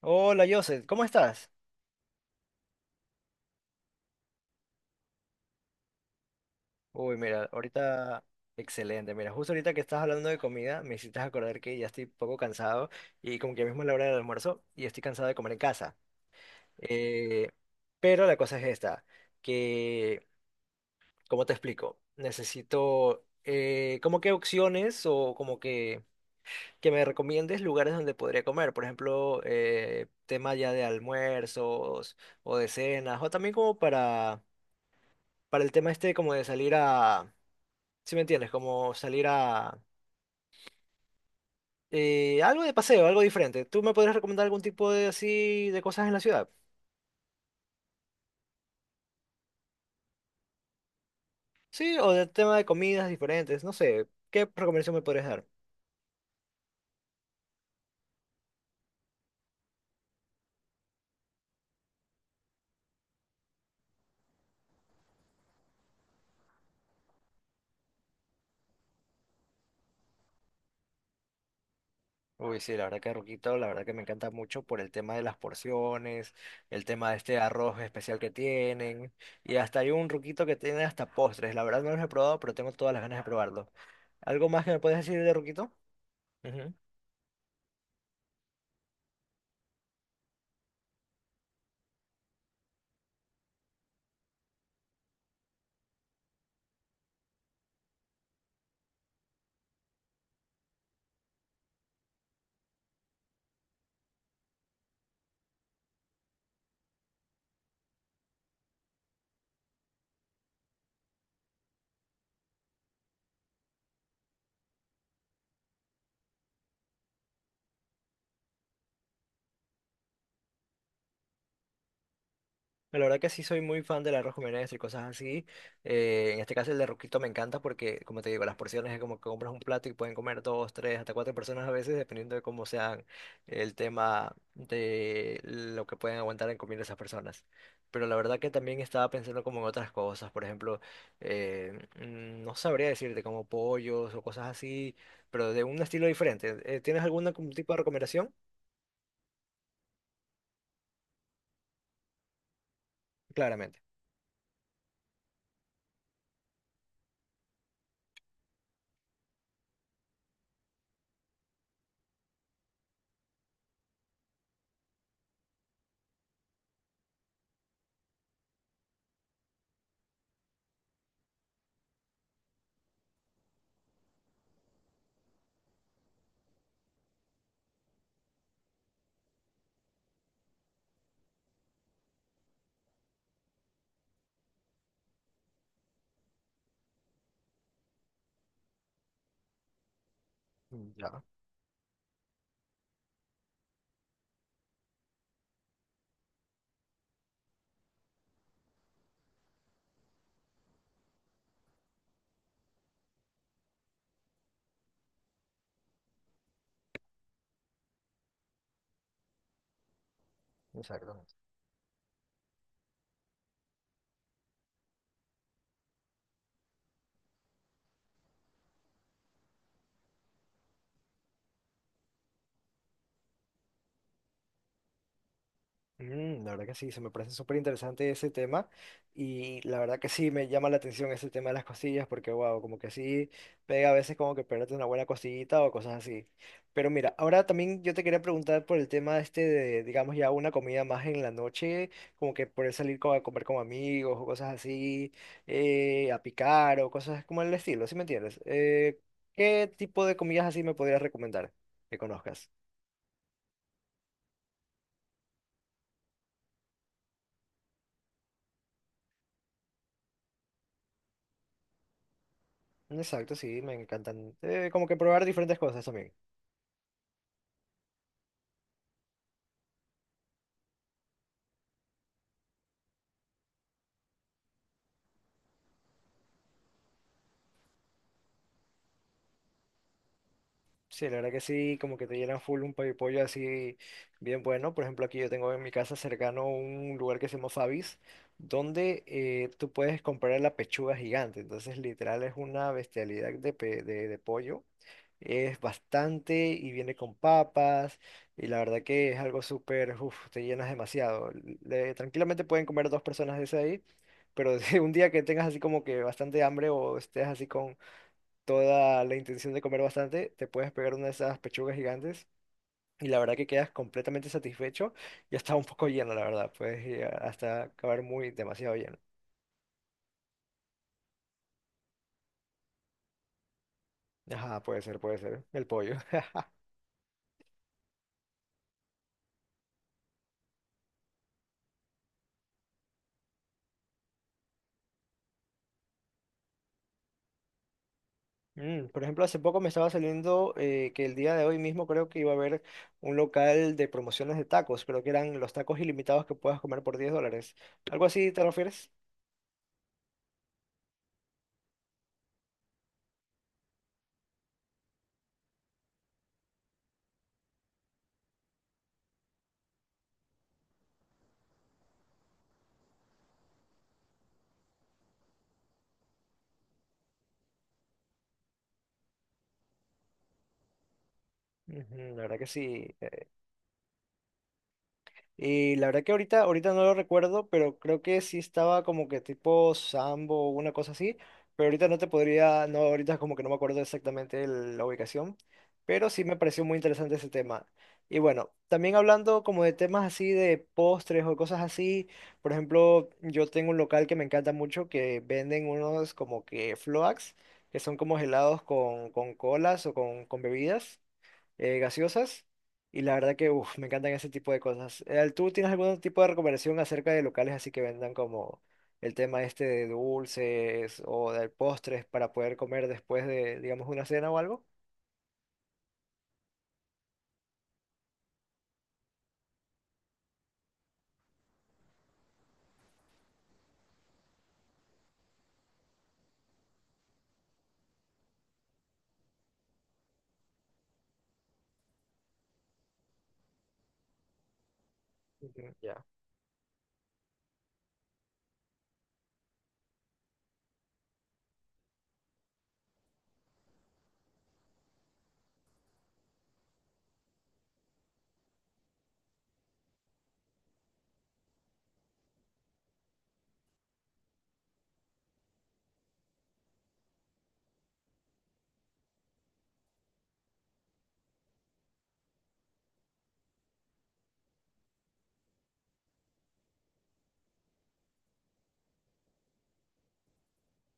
Hola, Joseph, ¿cómo estás? Uy, mira, ahorita, excelente. Mira, justo ahorita que estás hablando de comida, me hiciste acordar que ya estoy un poco cansado y como que mismo es la hora del almuerzo y estoy cansado de comer en casa. Eh, pero la cosa es esta, que, ¿cómo te explico? Necesito como que opciones o como que me recomiendes lugares donde podría comer. Por ejemplo, tema ya de almuerzos o de cenas o también como para el tema este como de salir a si me entiendes, como salir a algo de paseo, algo diferente. ¿Tú me podrías recomendar algún tipo de así de cosas en la ciudad? Sí, o del tema de comidas diferentes, no sé, ¿qué recomendación me podrías dar? Uy, sí, la verdad que Ruquito, la verdad que me encanta mucho por el tema de las porciones, el tema de este arroz especial que tienen, y hasta hay un Ruquito que tiene hasta postres. La verdad no los he probado, pero tengo todas las ganas de probarlo. ¿Algo más que me puedes decir de Ruquito? Ujú. La verdad que sí soy muy fan del arroz con menestra y cosas así. En este caso el de Ruquito me encanta porque, como te digo, las porciones es como que compras un plato y pueden comer dos, tres, hasta cuatro personas a veces, dependiendo de cómo sean el tema de lo que pueden aguantar en comer esas personas. Pero la verdad que también estaba pensando como en otras cosas, por ejemplo, no sabría decirte como pollos o cosas así, pero de un estilo diferente. ¿Tienes algún tipo de recomendación? Claramente. Ya, exacto. Mm, la verdad que sí, se me parece súper interesante ese tema y la verdad que sí me llama la atención ese tema de las costillas porque wow, como que sí pega a veces como que perderte una buena costillita o cosas así. Pero mira, ahora también yo te quería preguntar por el tema este de, digamos ya una comida más en la noche, como que poder salir co- a comer con amigos o cosas así, a picar o cosas como el estilo, ¿sí me entiendes? ¿Qué tipo de comidas así me podrías recomendar que conozcas? Exacto, sí, me encantan. Como que probar diferentes cosas también. Sí, la verdad que sí, como que te llenan full un pollo pollo así bien bueno. Por ejemplo, aquí yo tengo en mi casa cercano un lugar que se llama Fabis, donde tú puedes comprar la pechuga gigante. Entonces, literal, es una bestialidad de, de pollo. Es bastante y viene con papas y la verdad que es algo súper, uff, te llenas demasiado. Tranquilamente pueden comer dos personas de ese ahí, pero si un día que tengas así como que bastante hambre o estés así con toda la intención de comer bastante, te puedes pegar una de esas pechugas gigantes y la verdad que quedas completamente satisfecho y hasta un poco lleno, la verdad. Puedes llegar hasta acabar muy demasiado lleno. Ajá, puede ser, puede ser. El pollo. Mm, por ejemplo, hace poco me estaba saliendo que el día de hoy mismo creo que iba a haber un local de promociones de tacos, creo que eran los tacos ilimitados que puedas comer por $10. ¿Algo así te refieres? Ujú, la verdad que sí. Y la verdad que ahorita, ahorita no lo recuerdo, pero creo que sí estaba como que tipo Sambo o una cosa así. Pero ahorita no te podría, no, ahorita como que no me acuerdo exactamente la ubicación. Pero sí me pareció muy interesante ese tema. Y bueno, también hablando como de temas así de postres o cosas así. Por ejemplo, yo tengo un local que me encanta mucho que venden unos como que floats, que son como helados con colas o con bebidas gaseosas y la verdad que uf, me encantan ese tipo de cosas. ¿Tú tienes algún tipo de recomendación acerca de locales así que vendan como el tema este de dulces o de postres para poder comer después de, digamos, una cena o algo? Ujú, ya.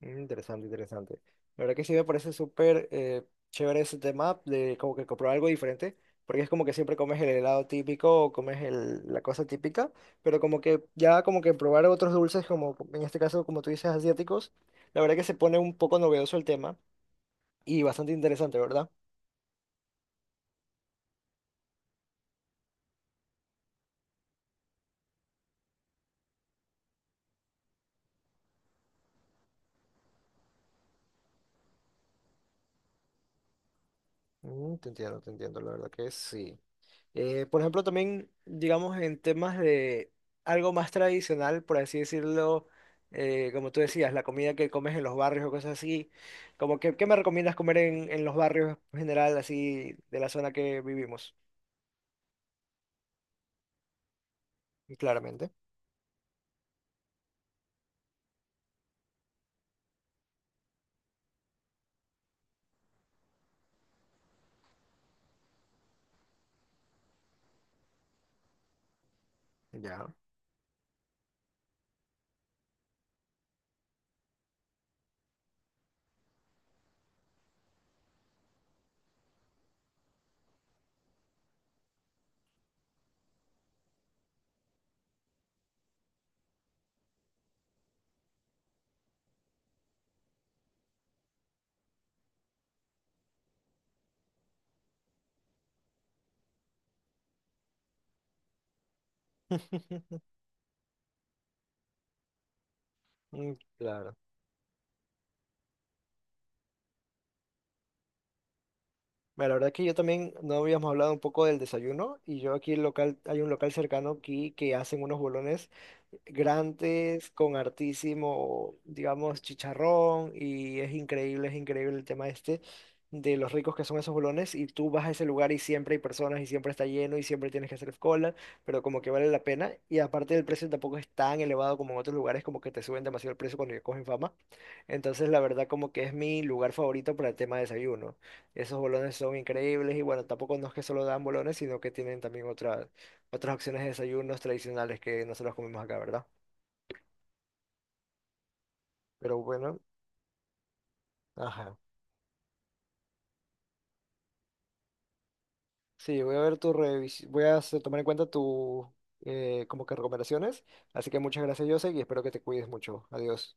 Mm, interesante, interesante. La verdad que sí me parece súper chévere ese tema de como que comprar algo diferente, porque es como que siempre comes el helado típico o comes la cosa típica, pero como que ya como que probar otros dulces, como en este caso, como tú dices, asiáticos, la verdad que se pone un poco novedoso el tema y bastante interesante, ¿verdad? Mm, te entiendo, la verdad que sí. Por ejemplo, también, digamos, en temas de algo más tradicional, por así decirlo, como tú decías, la comida que comes en los barrios o cosas así, como que, ¿qué me recomiendas comer en los barrios en general, así, de la zona que vivimos? Y claramente. Ya. Mm, claro. Mira, la verdad que yo también no habíamos hablado un poco del desayuno y yo aquí el local, hay un local cercano aquí que hacen unos bolones grandes con hartísimo, digamos, chicharrón y es increíble el tema este de los ricos que son esos bolones y tú vas a ese lugar y siempre hay personas y siempre está lleno y siempre tienes que hacer cola, pero como que vale la pena y aparte el precio tampoco es tan elevado como en otros lugares, como que te suben demasiado el precio cuando ya cogen fama, entonces la verdad como que es mi lugar favorito para el tema de desayuno. Esos bolones son increíbles y bueno, tampoco no es que solo dan bolones, sino que tienen también otras otras opciones de desayunos tradicionales que no se los comemos acá, ¿verdad? Pero bueno, ajá. Sí, voy a ver tu revisión, voy a tomar en cuenta tu como que recomendaciones. Así que muchas gracias, Jose, y espero que te cuides mucho. Adiós.